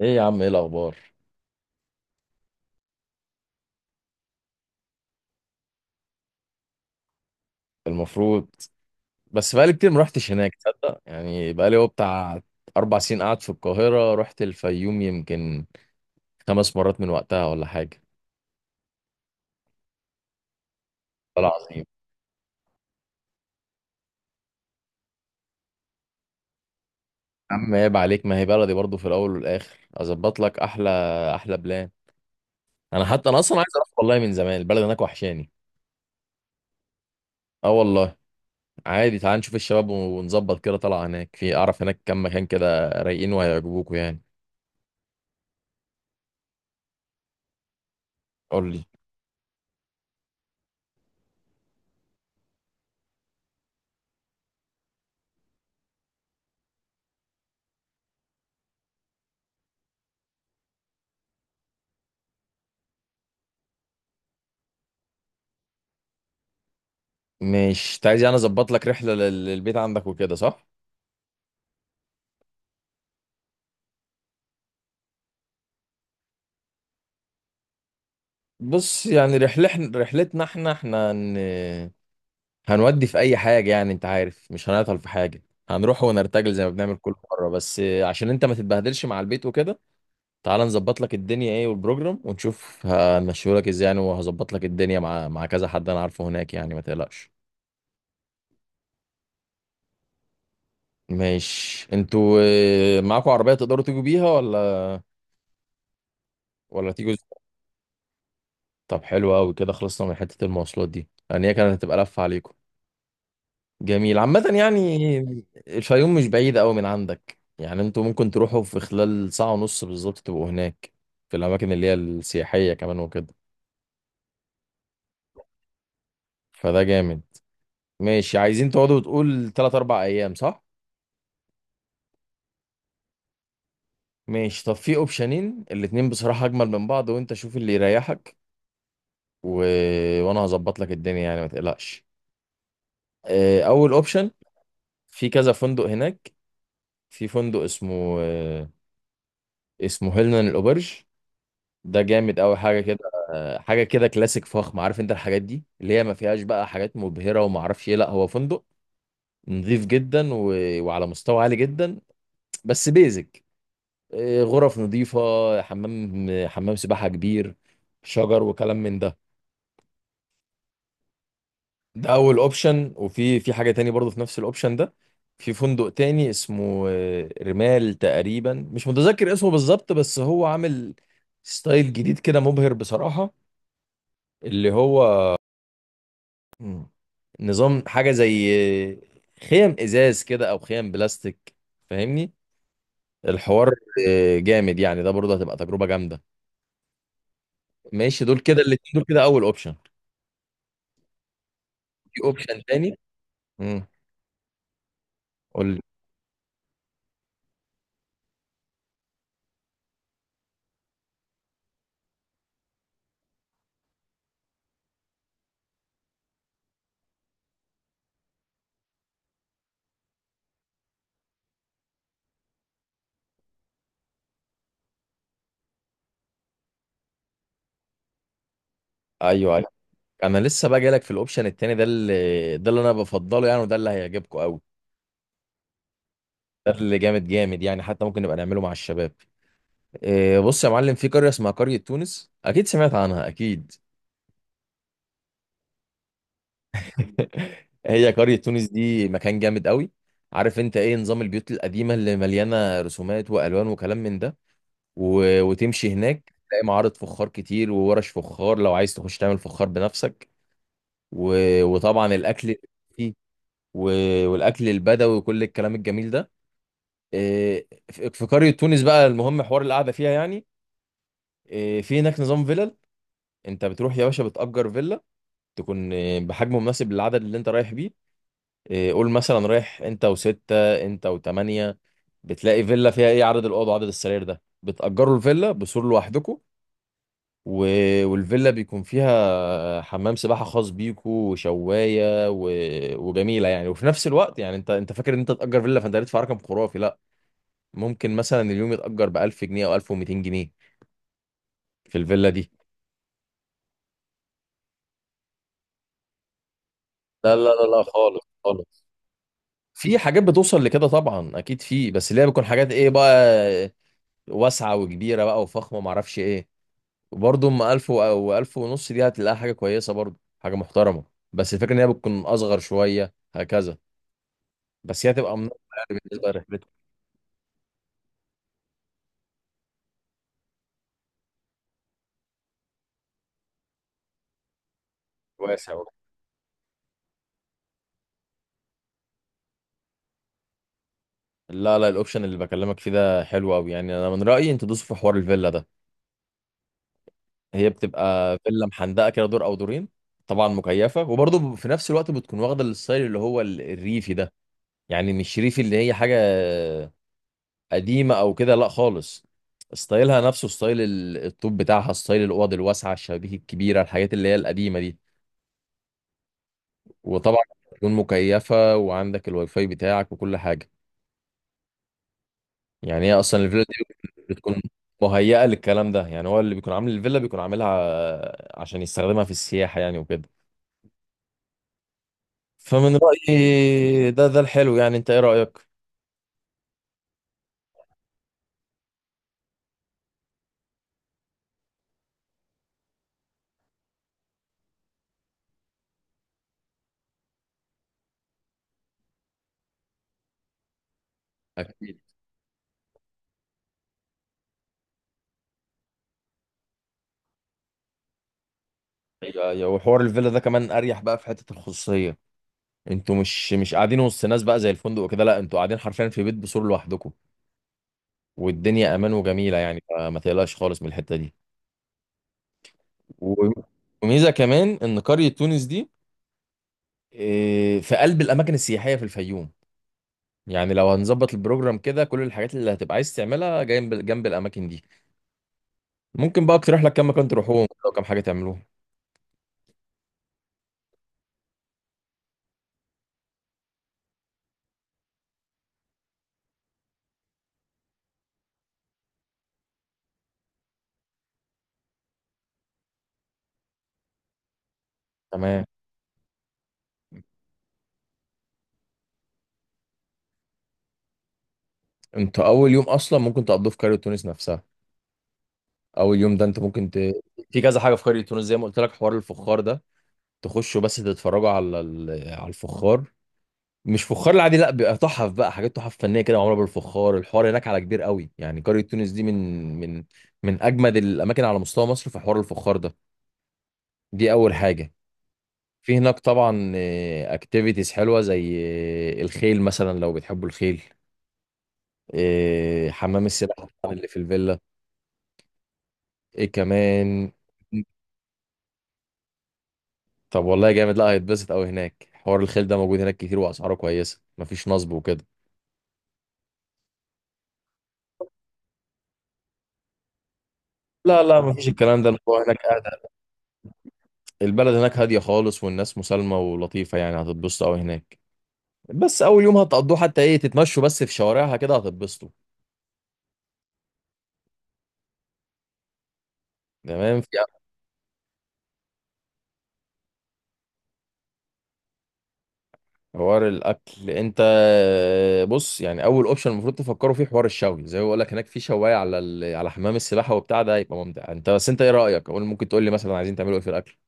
ايه يا عم، ايه الاخبار؟ المفروض. بس بقالي كتير ما رحتش هناك تصدق يعني، بقالي هو بتاع اربع سنين قاعد في القاهره، رحت الفيوم يمكن خمس مرات من وقتها ولا حاجه. والله العظيم يا عم، عيب عليك، ما هي بلدي برضو في الاول والاخر. اظبط لك احلى بلان. انا حتى انا اصلا عايز اروح والله، من زمان البلد هناك وحشاني. اه والله، عادي تعال نشوف الشباب ونظبط كده طلعه هناك، في اعرف هناك كم مكان كده رايقين وهيعجبوكوا يعني. قول لي. مش عايز يعني اظبط لك رحله للبيت عندك وكده، صح؟ بص يعني رحلتنا احنا هنودي في اي حاجه يعني، انت عارف مش هنعطل في حاجه، هنروح ونرتجل زي ما بنعمل كل مره، بس عشان انت ما تتبهدلش مع البيت وكده تعال نظبط لك الدنيا ايه والبروجرام، ونشوف هنمشيه لك ازاي يعني، وهظبط لك الدنيا مع كذا حد انا عارفه هناك يعني، ما تقلقش. ماشي. انتوا اه، معاكوا عربيه تقدروا تيجوا بيها ولا ولا تيجوا ازاي؟ طب حلو قوي كده، خلصنا من حته المواصلات دي يعني، هي كانت هتبقى لفه عليكم. جميل عامة يعني. الفيوم مش بعيدة أوي من عندك يعني، انتوا ممكن تروحوا في خلال ساعة ونص بالظبط تبقوا هناك في الأماكن اللي هي السياحية كمان وكده. فده جامد. ماشي، عايزين تقعدوا تقول تلات أربع أيام صح؟ ماشي، طب في أوبشنين الاتنين بصراحة أجمل من بعض، وأنت شوف اللي يريحك و... وأنا هظبط لك الدنيا يعني ما تقلقش. أول أوبشن، في كذا فندق هناك، في فندق اسمه اسمه هيلنان الأوبرج. ده جامد قوي حاجه كده، حاجه كده كلاسيك فخم، عارف انت الحاجات دي اللي هي ما فيهاش بقى حاجات مبهره وما اعرفش ايه، لا هو فندق نظيف جدا وعلى مستوى عالي جدا، بس بيزك. إيه، غرف نظيفه، حمام، حمام سباحه كبير، شجر وكلام من ده. ده اول اوبشن، وفي حاجه تاني برضه في نفس الاوبشن ده، في فندق تاني اسمه رمال تقريبا، مش متذكر اسمه بالظبط، بس هو عامل ستايل جديد كده مبهر بصراحه، اللي هو مم. نظام حاجة زي خيم ازاز كده او خيم بلاستيك، فاهمني الحوار. جامد يعني، ده برضه هتبقى تجربة جامدة. ماشي، دول كده الاتنين دول كده اول اوبشن، في اوبشن تاني. امم قول لي. ايوه ايوه، انا لسه بقى جايلك في الاوبشن التاني ده، اللي انا بفضله يعني، وده اللي هيعجبكم قوي. ده اللي جامد يعني، حتى ممكن نبقى نعمله مع الشباب. بص يا معلم، في قرية اسمها قرية تونس، اكيد سمعت عنها اكيد. هي قرية تونس دي مكان جامد قوي، عارف انت ايه نظام البيوت القديمة اللي مليانة رسومات والوان وكلام من ده، وتمشي هناك تلاقي معارض فخار كتير وورش فخار لو عايز تخش تعمل فخار بنفسك، و... وطبعا الاكل فيه، و... والاكل البدوي وكل الكلام الجميل ده. إيه، في قرية تونس بقى، المهم حوار القعدة فيها يعني. إيه، في هناك نظام فيلل، انت بتروح يا باشا بتأجر فيلا تكون إيه، بحجم مناسب للعدد اللي انت رايح بيه. إيه، قول مثلا رايح انت وستة انت وتمانية، بتلاقي فيلا فيها ايه عدد الاوض وعدد السرير ده، بتأجروا الفيلا بسور لوحدكم و... والفيلا بيكون فيها حمام سباحة خاص بيكو وشواية وجميلة يعني، وفي نفس الوقت يعني انت فاكر ان انت تأجر فيلا فانت هتدفع رقم خرافي، لا. ممكن مثلا اليوم يتأجر ب 1000 جنيه او 1200 جنيه في الفيلا دي. لا خالص خالص، في حاجات بتوصل لكده طبعا اكيد في، بس اللي هي بتكون حاجات ايه بقى، واسعة وكبيرة بقى وفخمة معرفش ايه. برضه ام 1000 او 1000 ونص دي هتلاقيها حاجه كويسه برضه، حاجه محترمه، بس الفكره ان هي بتكون اصغر شويه هكذا، بس هي هتبقى مناسبه يعني بالنسبه لرحلتك. واسع وكده. لا لا، الاوبشن اللي بكلمك فيه ده حلو قوي يعني، انا من رايي انت تدوس في حوار الفيلا ده. هي بتبقى فيلا محندقه كده، دور او دورين، طبعا مكيفه، وبرضه في نفس الوقت بتكون واخده الستايل اللي هو الريفي ده. يعني مش ريفي اللي هي حاجه قديمه او كده، لا خالص، ستايلها نفسه ستايل الطوب بتاعها، ستايل الاوض الواسعه، الشبابيك الكبيره، الحاجات اللي هي القديمه دي، وطبعا تكون مكيفه، وعندك الواي فاي بتاعك وكل حاجه. يعني هي اصلا الفيلا دي بتكون مهيئه للكلام ده يعني، هو اللي بيكون عامل الفيلا بيكون عاملها عشان يستخدمها في السياحه يعني وكده. فمن رايي ده الحلو يعني، انت ايه رايك؟ اكيد. ايوه ايوه، وحوار الفيلا ده كمان اريح بقى في حته الخصوصيه، انتوا مش قاعدين وسط ناس بقى زي الفندق وكده، لا انتوا قاعدين حرفيا في بيت بسور لوحدكم، والدنيا امان وجميله يعني، فما تقلقش خالص من الحته دي. و- وميزه كمان ان قريه تونس دي، اه، في قلب الاماكن السياحيه في الفيوم، يعني لو هنظبط البروجرام كده كل الحاجات اللي هتبقى عايز تعملها جنب جنب الاماكن دي. ممكن بقى اقترح لك كم مكان تروحوهم او كم حاجه تعملوها. تمام. انتوا اول يوم اصلا ممكن تقضوه في قريه تونس نفسها، اول يوم ده انت ممكن في كذا حاجه في قريه تونس زي ما قلت لك، حوار الفخار ده، تخشوا بس تتفرجوا على على الفخار، مش فخار العادي لا، بيبقى تحف بقى، حاجات تحف فنيه كده معموله بالفخار، الحوار هناك على كبير قوي يعني، قريه تونس دي من من من اجمد الاماكن على مستوى مصر في حوار الفخار ده، دي اول حاجه. في هناك طبعا اكتيفيتيز حلوه زي الخيل مثلا لو بتحبوا الخيل، حمام السباحه طبعاً اللي في الفيلا، ايه كمان. طب والله جامد، لا هيتبسط قوي هناك، حوار الخيل ده موجود هناك كتير، واسعاره كويسه، مفيش نصب وكده. لا لا، مفيش الكلام ده، الموضوع هناك قاعد. البلد هناك هادية خالص، والناس مسالمة ولطيفة يعني، هتتبسطوا أوي هناك. بس أول يوم هتقضوه حتى إيه، تتمشوا بس في شوارعها كده هتتبسطوا. تمام. في حوار الأكل أنت، بص يعني أول أوبشن المفروض تفكروا فيه حوار الشوي، زي ما بقول لك هناك في شواية على على حمام السباحة وبتاع، ده هيبقى ممتع. أنت بس أنت إيه رأيك أقول؟ ممكن تقول لي مثلا عايزين تعملوا إيه في الأكل؟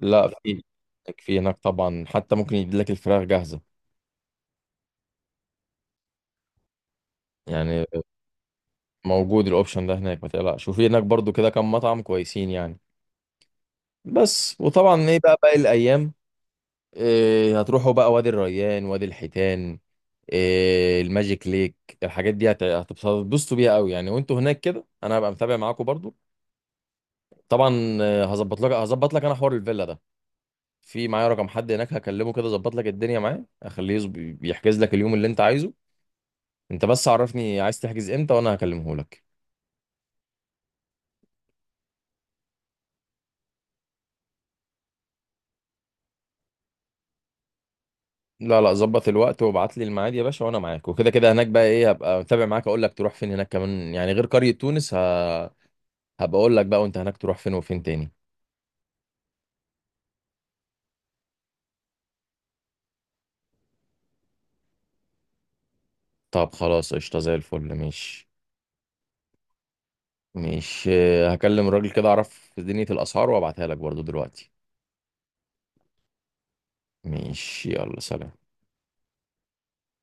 لا، في في هناك طبعا، حتى ممكن يديلك الفراخ جاهزة يعني. موجود الاوبشن ده هناك ما تقلقش، وفي هناك برضو كده كام مطعم كويسين يعني، بس. وطبعا ايه بقى باقي الايام، إيه هتروحوا بقى وادي الريان، وادي الحيتان، إيه الماجيك ليك، الحاجات دي هتتبسطوا بيها قوي يعني، وانتوا هناك كده انا هبقى متابع معاكم برضو. طبعا هظبط لك انا حوار الفيلا ده، في معايا رقم حد هناك هكلمه كده ظبط لك الدنيا معاه، اخليه يحجز لك اليوم اللي انت عايزه، انت بس عرفني عايز تحجز امتى وانا هكلمه لك. لا لا، ظبط الوقت وابعت لي الميعاد يا باشا وانا معاك، وكده كده هناك بقى ايه هبقى متابع معاك، اقول لك تروح فين هناك كمان يعني غير قرية تونس، هبقى اقول لك بقى وانت هناك تروح فين وفين تاني. طب خلاص قشطة زي الفل، مش هكلم الراجل كده اعرف دنيا الاسعار وابعتها لك برضو دلوقتي. مش يلا سلام.